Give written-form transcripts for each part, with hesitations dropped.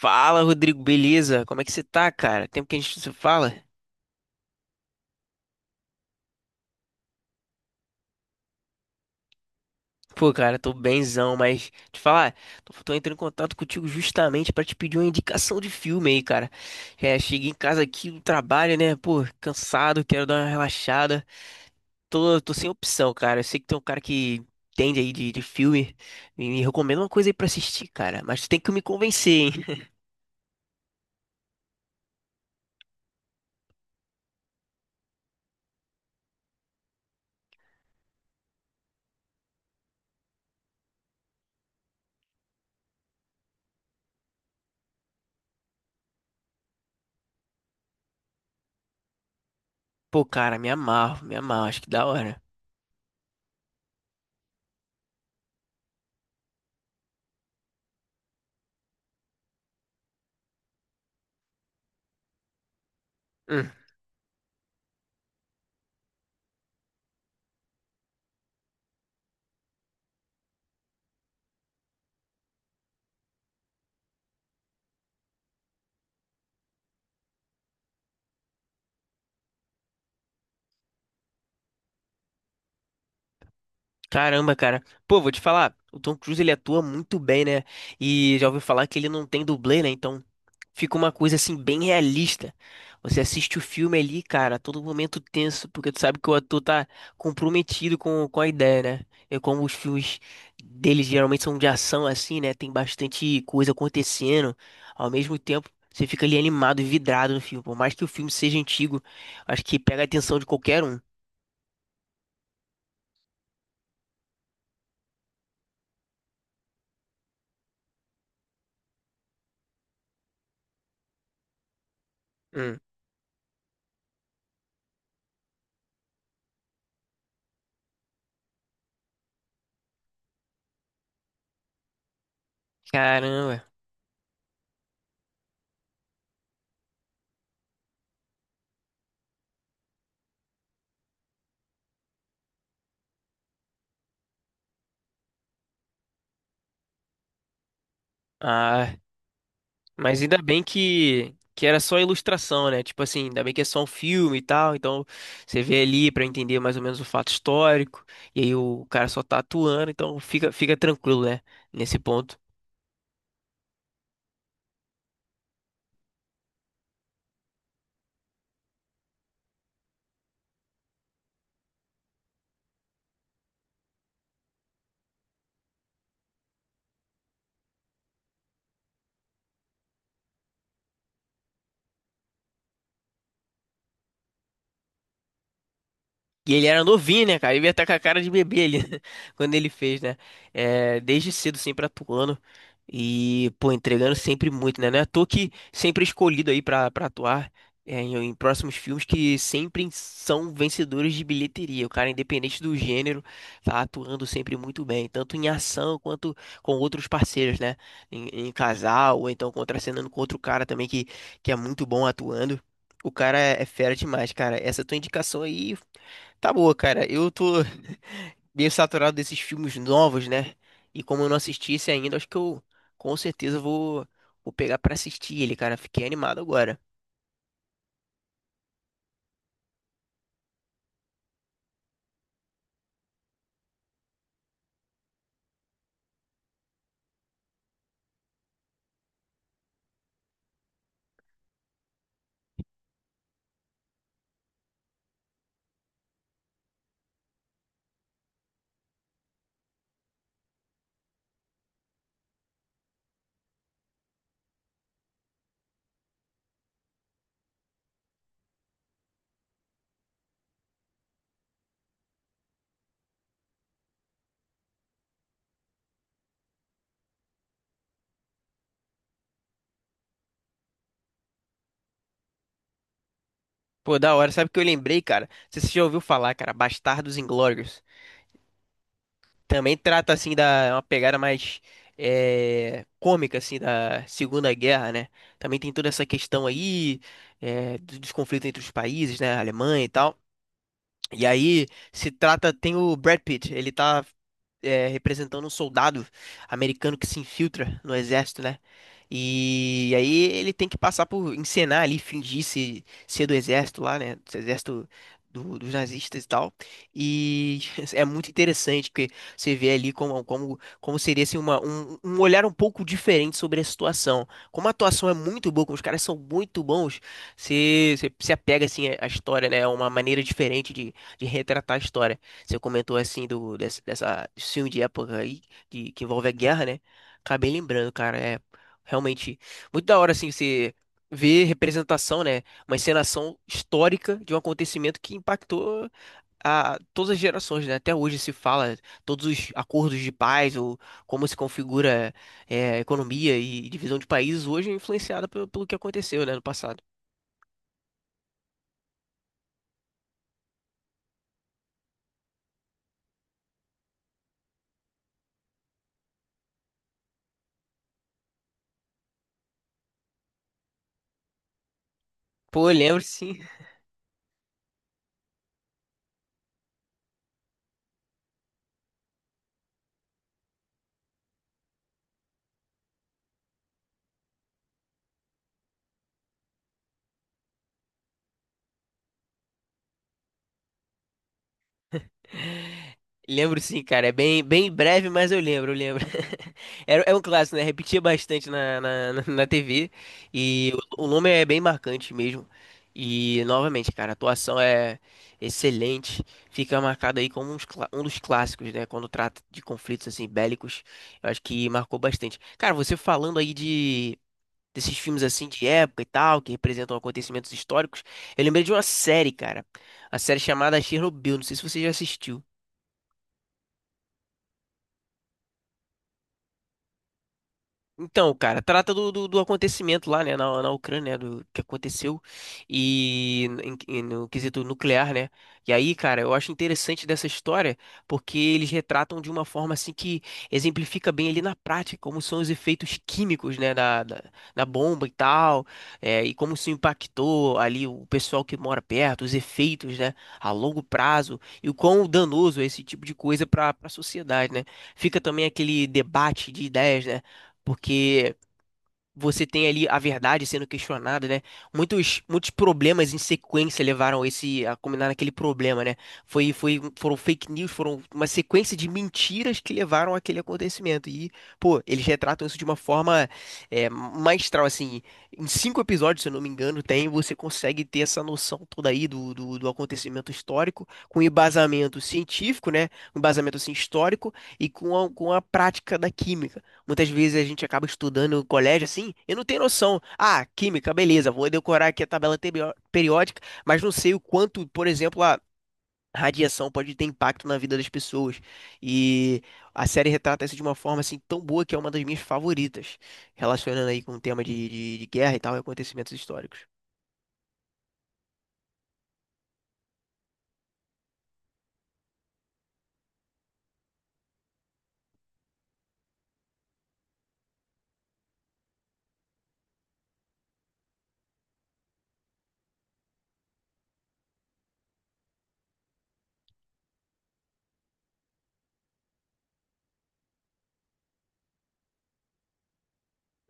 Fala, Rodrigo, beleza? Como é que você tá, cara? Tempo que a gente não se fala? Pô, cara, tô benzão, mas te falar, tô entrando em contato contigo justamente pra te pedir uma indicação de filme aí, cara. Cheguei em casa aqui do trabalho, né? Pô, cansado, quero dar uma relaxada. Tô sem opção, cara. Eu sei que tem um cara que entende aí de filme e me recomenda uma coisa aí pra assistir, cara. Mas tu tem que me convencer, hein? Pô, cara, me amarro, acho que da hora. Hum. Caramba, cara. Pô, vou te falar, o Tom Cruise ele atua muito bem, né? E já ouvi falar que ele não tem dublê, né? Então fica uma coisa assim bem realista. Você assiste o filme ali, cara, a todo momento tenso, porque tu sabe que o ator tá comprometido com a ideia, né? É como os filmes deles geralmente são de ação assim, né? Tem bastante coisa acontecendo. Ao mesmo tempo, você fica ali animado e vidrado no filme. Por mais que o filme seja antigo, acho que pega a atenção de qualquer um. Hum. Caramba. Ah. Mas ainda bem que era só ilustração, né? Tipo assim, ainda bem que é só um filme e tal. Então você vê ali pra entender mais ou menos o fato histórico. E aí o cara só tá atuando, então fica, fica tranquilo, né? Nesse ponto. E ele era novinho, né, cara? Ele ia estar com a cara de bebê ali, quando ele fez, né? É, desde cedo sempre atuando e, pô, entregando sempre muito, né? Não é à toa que sempre é escolhido aí pra atuar em próximos filmes que sempre são vencedores de bilheteria. O cara, independente do gênero, tá atuando sempre muito bem, tanto em ação quanto com outros parceiros, né? Em casal, ou então contracenando com outro cara também que é muito bom atuando. O cara é fera demais, cara. Essa tua indicação aí. Tá boa, cara. Eu tô meio saturado desses filmes novos, né? E como eu não assisti esse ainda, acho que eu com certeza vou pegar pra assistir ele, cara. Fiquei animado agora. Pô, da hora. Sabe o que eu lembrei, cara? Você já ouviu falar, cara? Bastardos Inglórios. Também trata assim da uma pegada mais cômica assim da Segunda Guerra, né? Também tem toda essa questão aí dos conflitos entre os países, né? Alemanha e tal. E aí se trata, tem o Brad Pitt, ele tá representando um soldado americano que se infiltra no exército, né? E aí ele tem que passar por encenar ali, fingir se, ser do exército lá, né? Dos nazistas e tal. E é muito interessante porque você vê ali como seria assim, um olhar um pouco diferente sobre a situação. Como a atuação é muito boa, como os caras são muito bons, você se apega assim à história, né? É uma maneira diferente de retratar a história. Você comentou assim do dessa, dessa desse filme de época aí que envolve a guerra, né? Acabei lembrando, cara, é realmente muito da hora assim você ver representação, né? Uma encenação histórica de um acontecimento que impactou a todas as gerações, né? Até hoje se fala todos os acordos de paz ou como se configura economia e divisão de países hoje é influenciada pelo que aconteceu, né, no passado. Pô, eu lembro sim. Lembro sim, cara. É bem, bem breve, mas eu lembro, eu lembro. Era, é um clássico, né? Repetia bastante na na TV. E o nome é bem marcante mesmo. E, novamente, cara, a atuação é excelente. Fica marcado aí como um dos clássicos, né? Quando trata de conflitos, assim, bélicos. Eu acho que marcou bastante. Cara, você falando aí de... Desses filmes assim de época e tal, que representam acontecimentos históricos. Eu lembrei de uma série, cara. A série chamada Chernobyl. Não sei se você já assistiu. Então, cara, trata do acontecimento lá, né, na Ucrânia, né, do que aconteceu e, no quesito nuclear, né? E aí, cara, eu acho interessante dessa história porque eles retratam de uma forma assim que exemplifica bem ali na prática como são os efeitos químicos, né, da bomba e tal, e como isso impactou ali o pessoal que mora perto, os efeitos, né, a longo prazo e o quão danoso é esse tipo de coisa para a sociedade, né? Fica também aquele debate de ideias, né? Porque você tem ali a verdade sendo questionada, né? Muitos problemas em sequência levaram esse a culminar naquele problema, né? Foram fake news, foram uma sequência de mentiras que levaram àquele acontecimento. E, pô, eles retratam isso de uma forma maestral, assim. Em cinco episódios, se eu não me engano, tem, você consegue ter essa noção toda aí do acontecimento histórico, com embasamento científico, né? Um embasamento, assim, histórico e com a prática da química. Muitas vezes a gente acaba estudando no colégio assim e não tem noção. Ah, química, beleza, vou decorar aqui a tabela periódica, mas não sei o quanto, por exemplo, a radiação pode ter impacto na vida das pessoas. E a série retrata isso de uma forma assim tão boa que é uma das minhas favoritas, relacionando aí com o tema de guerra e tal, e acontecimentos históricos.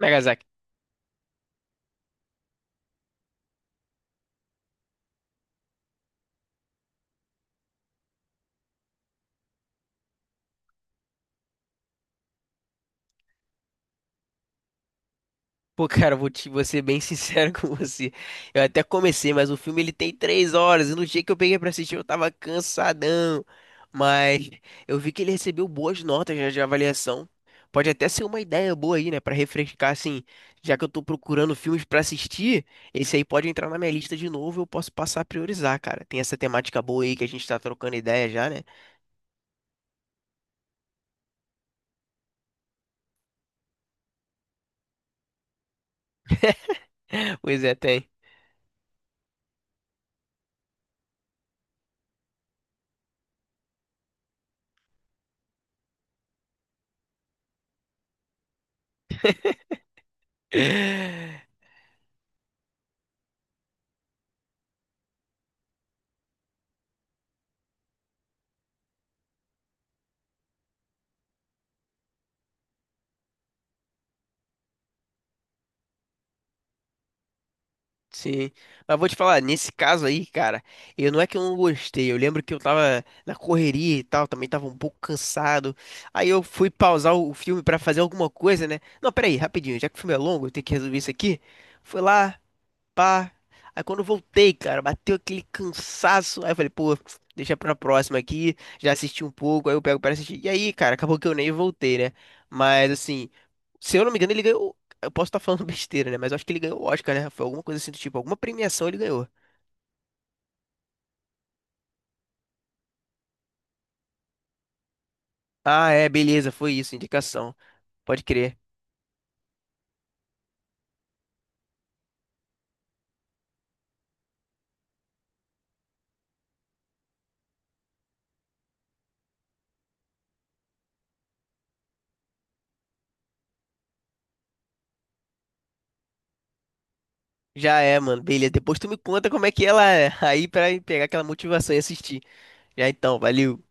Nagasaki. Pô, cara, vou ser bem sincero com você. Eu até comecei, mas o filme ele tem três horas. E no dia que eu peguei pra assistir, eu tava cansadão. Mas eu vi que ele recebeu boas notas já de avaliação. Pode até ser uma ideia boa aí, né? Pra refrescar, assim. Já que eu tô procurando filmes pra assistir, esse aí pode entrar na minha lista de novo. Eu posso passar a priorizar, cara. Tem essa temática boa aí que a gente tá trocando ideia já, né? Pois é, tem. Sim, mas vou te falar, nesse caso aí, cara, eu não é que eu não gostei, eu lembro que eu tava na correria e tal, também tava um pouco cansado, aí eu fui pausar o filme pra fazer alguma coisa, né? Não, peraí, rapidinho, já que o filme é longo, eu tenho que resolver isso aqui, fui lá, pá. Aí quando eu voltei, cara, bateu aquele cansaço. Aí eu falei, pô, deixa pra próxima aqui. Já assisti um pouco, aí eu pego pra assistir. E aí, cara, acabou que eu nem voltei, né? Mas assim, se eu não me engano, ele ganhou. Eu posso estar falando besteira, né? Mas eu acho que ele ganhou o Oscar, né? Foi alguma coisa assim do tipo, alguma premiação ele ganhou. Ah, é, beleza, foi isso, indicação. Pode crer. Já é, mano, beleza. Depois tu me conta como é que ela é. Aí pra pegar aquela motivação e assistir. Já então, valeu.